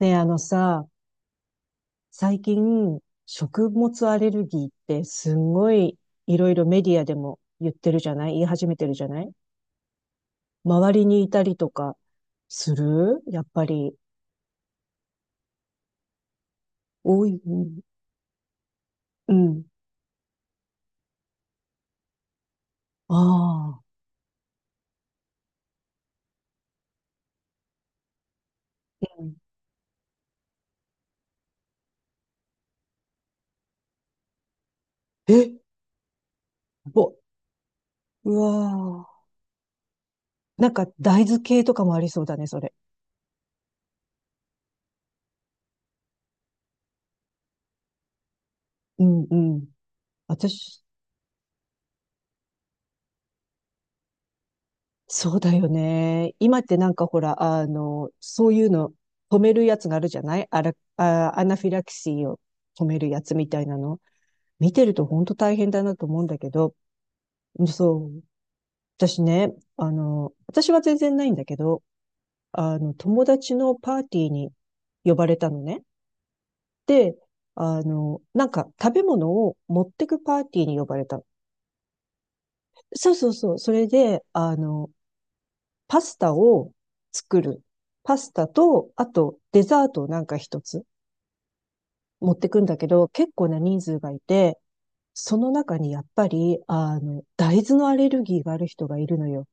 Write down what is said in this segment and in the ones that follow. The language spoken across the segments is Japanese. ねえ、あのさ、最近、食物アレルギーってすんごいいろいろメディアでも言ってるじゃない、言い始めてるじゃない。周りにいたりとかする、やっぱり。多い。うん。ああ。うん。え、ぼ、うわあ。なんか大豆系とかもありそうだね、それ。うん、うん。私、そうだよね。今ってなんかほら、そういうの止めるやつがあるじゃない。アナフィラキシーを止めるやつみたいなの。見てると本当大変だなと思うんだけど、そう。私ね、私は全然ないんだけど、友達のパーティーに呼ばれたのね。で、なんか食べ物を持ってくパーティーに呼ばれたの。そうそうそう。それで、パスタを作る。パスタと、あとデザートをなんか一つ持ってくんだけど、結構な人数がいて、その中にやっぱり、大豆のアレルギーがある人がいるのよ。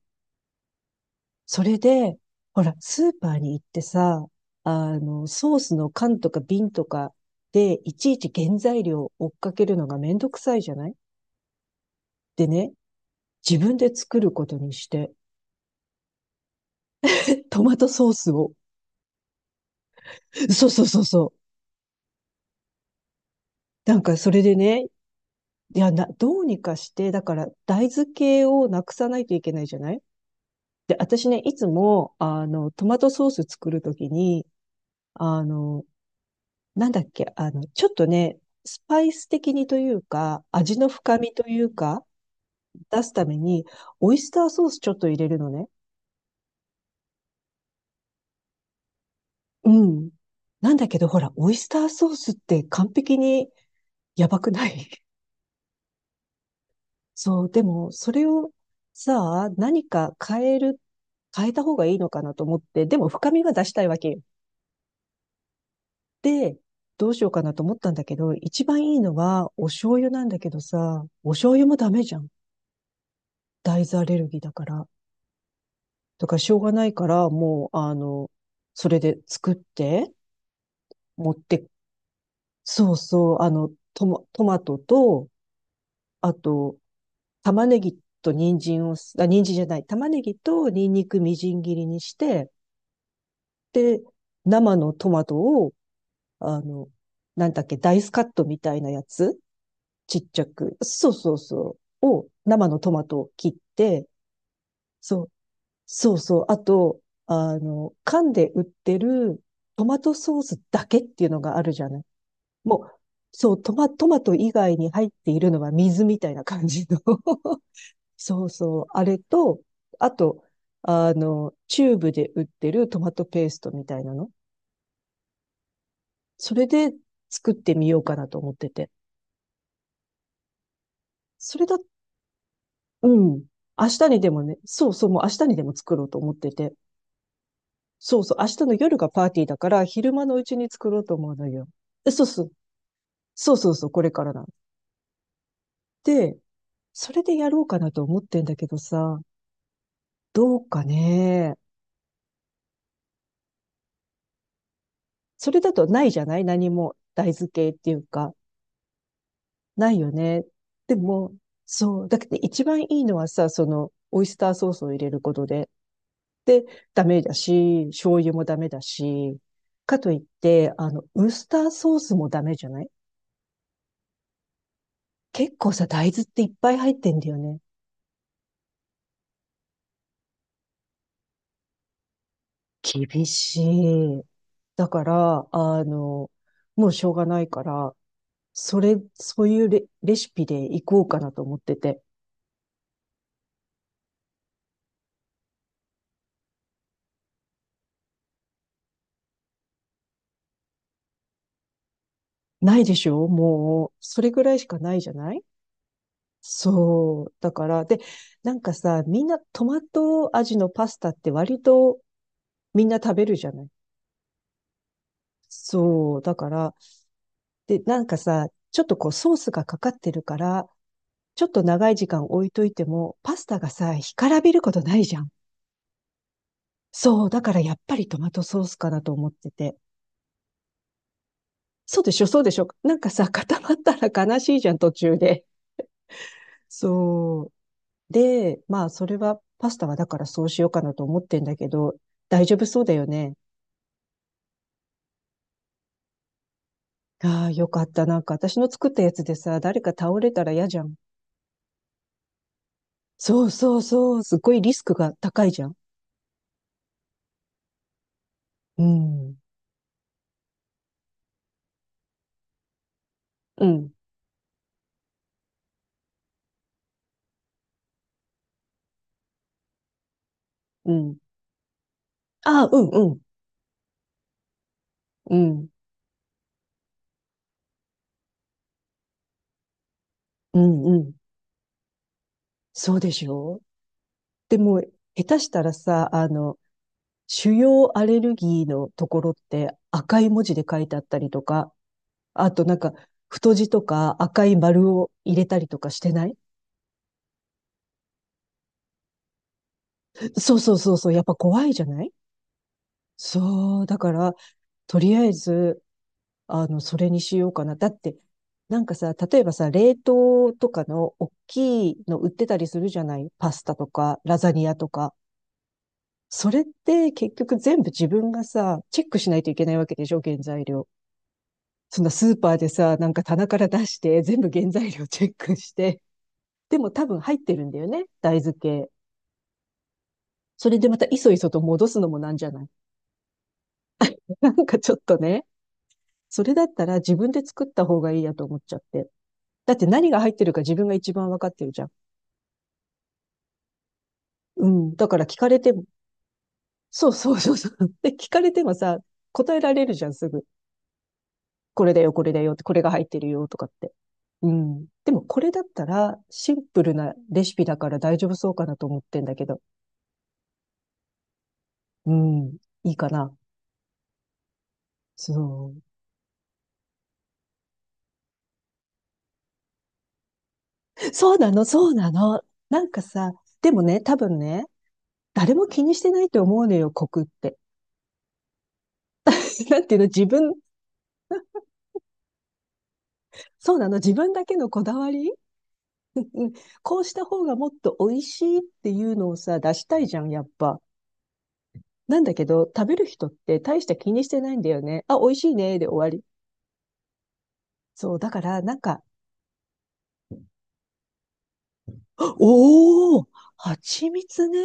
それで、ほら、スーパーに行ってさ、ソースの缶とか瓶とかで、いちいち原材料を追っかけるのがめんどくさいじゃない。でね、自分で作ることにして、トマトソースを、そうそうそうそう。なんかそれでね、どうにかして、だから大豆系をなくさないといけないじゃない。で、私ね、いつも、トマトソース作るときに、あの、なんだっけ、ちょっとね、スパイス的にというか、味の深みというか、出すために、オイスターソースちょっと入れるのね。うん。なんだけど、ほら、オイスターソースって完璧にやばくない？そう、でも、それをさあ、何か変える、変えた方がいいのかなと思って、でも深みが出したいわけよ。で、どうしようかなと思ったんだけど、一番いいのはお醤油なんだけどさ、お醤油もダメじゃん。大豆アレルギーだから。だからしょうがないから、もう、それで作って、持って、そうそう、トマトと、あと、玉ねぎと人参を、あ、人参じゃない、玉ねぎとニンニクみじん切りにして、で、生のトマトを、あの、なんだっけ、ダイスカットみたいなやつちっちゃく。そうそうそう。を、生のトマトを切って、そう、そうそう。あと、缶で売ってるトマトソースだけっていうのがあるじゃない。もう、そう、トマト以外に入っているのは水みたいな感じの そうそう。あれと、あと、チューブで売ってるトマトペーストみたいなの。それで作ってみようかなと思ってて。それだ、うん。明日にでもね、そうそう、もう明日にでも作ろうと思ってて。そうそう、明日の夜がパーティーだから、昼間のうちに作ろうと思うのよ。えそうそう、そうそうそう、これからなんで、それでやろうかなと思ってんだけどさ、どうかね。それだとないじゃない、何も大豆系っていうか、ないよね。でも、そう。だけど一番いいのはさ、その、オイスターソースを入れることで、で、ダメだし、醤油もダメだし、かといって、ウスターソースもダメじゃない。結構さ、大豆っていっぱい入ってんだよね。厳しい。だから、もうしょうがないから、それ、そういうレ、レシピでいこうかなと思ってて。ないでしょもう、それぐらいしかないじゃない。そう。だから、で、なんかさ、みんなトマト味のパスタって割とみんな食べるじゃない。そう。だから、で、なんかさ、ちょっとこうソースがかかってるから、ちょっと長い時間置いといても、パスタがさ、干からびることないじゃん。そう、だからやっぱりトマトソースかなと思ってて。そうでしょ、そうでしょ。なんかさ、固まったら悲しいじゃん、途中で。そう。で、まあ、それは、パスタはだからそうしようかなと思ってんだけど、大丈夫そうだよね。ああ、よかった。なんか私の作ったやつでさ、誰か倒れたら嫌じゃん。そうそうそう。すっごいリスクが高いじゃん。うん。うん。うん。ああ、うん、うん、うん、うん、うん。そうでしょう。でも、下手したらさ、主要アレルギーのところって赤い文字で書いてあったりとか、あとなんか、太字とか赤い丸を入れたりとかしてない？そうそうそうそう、やっぱ怖いじゃない。そう、だから、とりあえず、それにしようかな。だって、なんかさ、例えばさ、冷凍とかの大きいの売ってたりするじゃない、パスタとか、ラザニアとか。それって結局全部自分がさ、チェックしないといけないわけでしょ、原材料。そんなスーパーでさ、なんか棚から出して、全部原材料チェックして。でも多分入ってるんだよね、大豆系。それでまたいそいそと戻すのもなんじゃない。 なんかちょっとね。それだったら自分で作った方がいいやと思っちゃって。だって何が入ってるか自分が一番わかってるじゃん。うん。だから聞かれても、そうそうそうそう。で、聞かれてもさ、答えられるじゃん、すぐ。これだよ、これだよって、これが入ってるよとかって。うん。でもこれだったらシンプルなレシピだから大丈夫そうかなと思ってんだけど。うん。いいかな。そう。そうなの、そうなの。なんかさ、でもね、多分ね、誰も気にしてないと思うのよ、コクって。なんていうの、自分、そうなの、自分だけのこだわり、こうした方がもっと美味しいっていうのをさ、出したいじゃん、やっぱ。なんだけど、食べる人って大した気にしてないんだよね。あ、美味しいね、で終わり。そう、だから、なんか、おー、蜂蜜ね。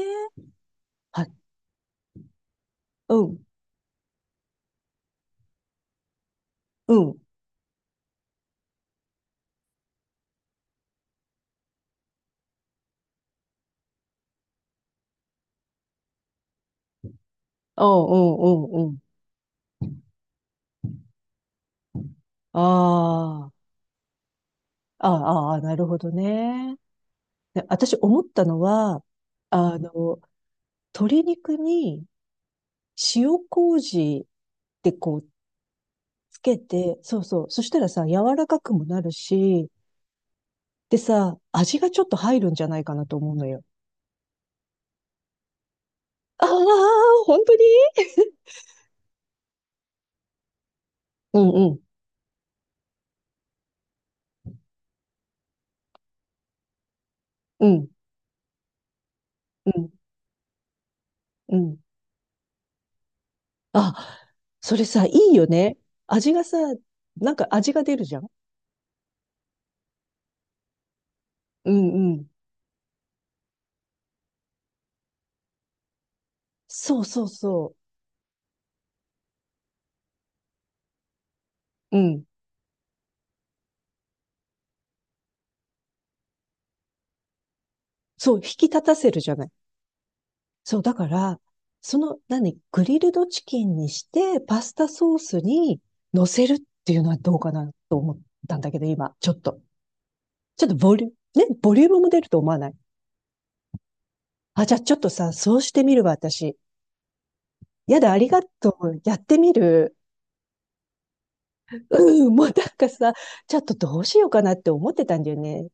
は、うん、うん。ああ、うん、うん、うん。あー、ああ、あ、なるほどね。で私思ったのは、あの、鶏肉に塩麹ってこうつけて、そうそう。そしたらさ、柔らかくもなるし、でさ、味がちょっと入るんじゃないかなと思うのよ。ああ、本当に？ うんうん、うん、うん、うん。あ、それさ、いいよね。味がさ、なんか味が出るじゃん。うんうん。そうそうそう。うん。そう、引き立たせるじゃない。そう、だから、その、何、グリルドチキンにして、パスタソースに乗せるっていうのはどうかなと思ったんだけど、今、ちょっと。ボリュームも出ると思わない？あ、じゃあちょっとさ、そうしてみるわ、私。やだ、ありがとう。やってみる。うん、もうなんかさ、ちょっとどうしようかなって思ってたんだよね。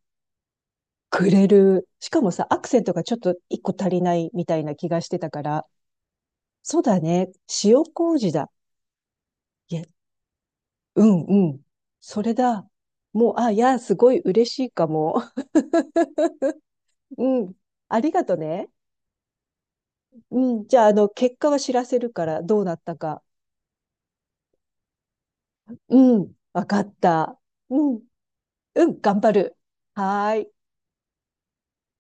くれる。しかもさ、アクセントがちょっと一個足りないみたいな気がしてたから、そうだね。塩麹だ。いや、うんうん。それだ。もう、あ、いや、すごい嬉しいかも。うん。ありがとね。うん。じゃあ、結果は知らせるから、どうなったか。うん。わかった。うん。うん。頑張る。はーい。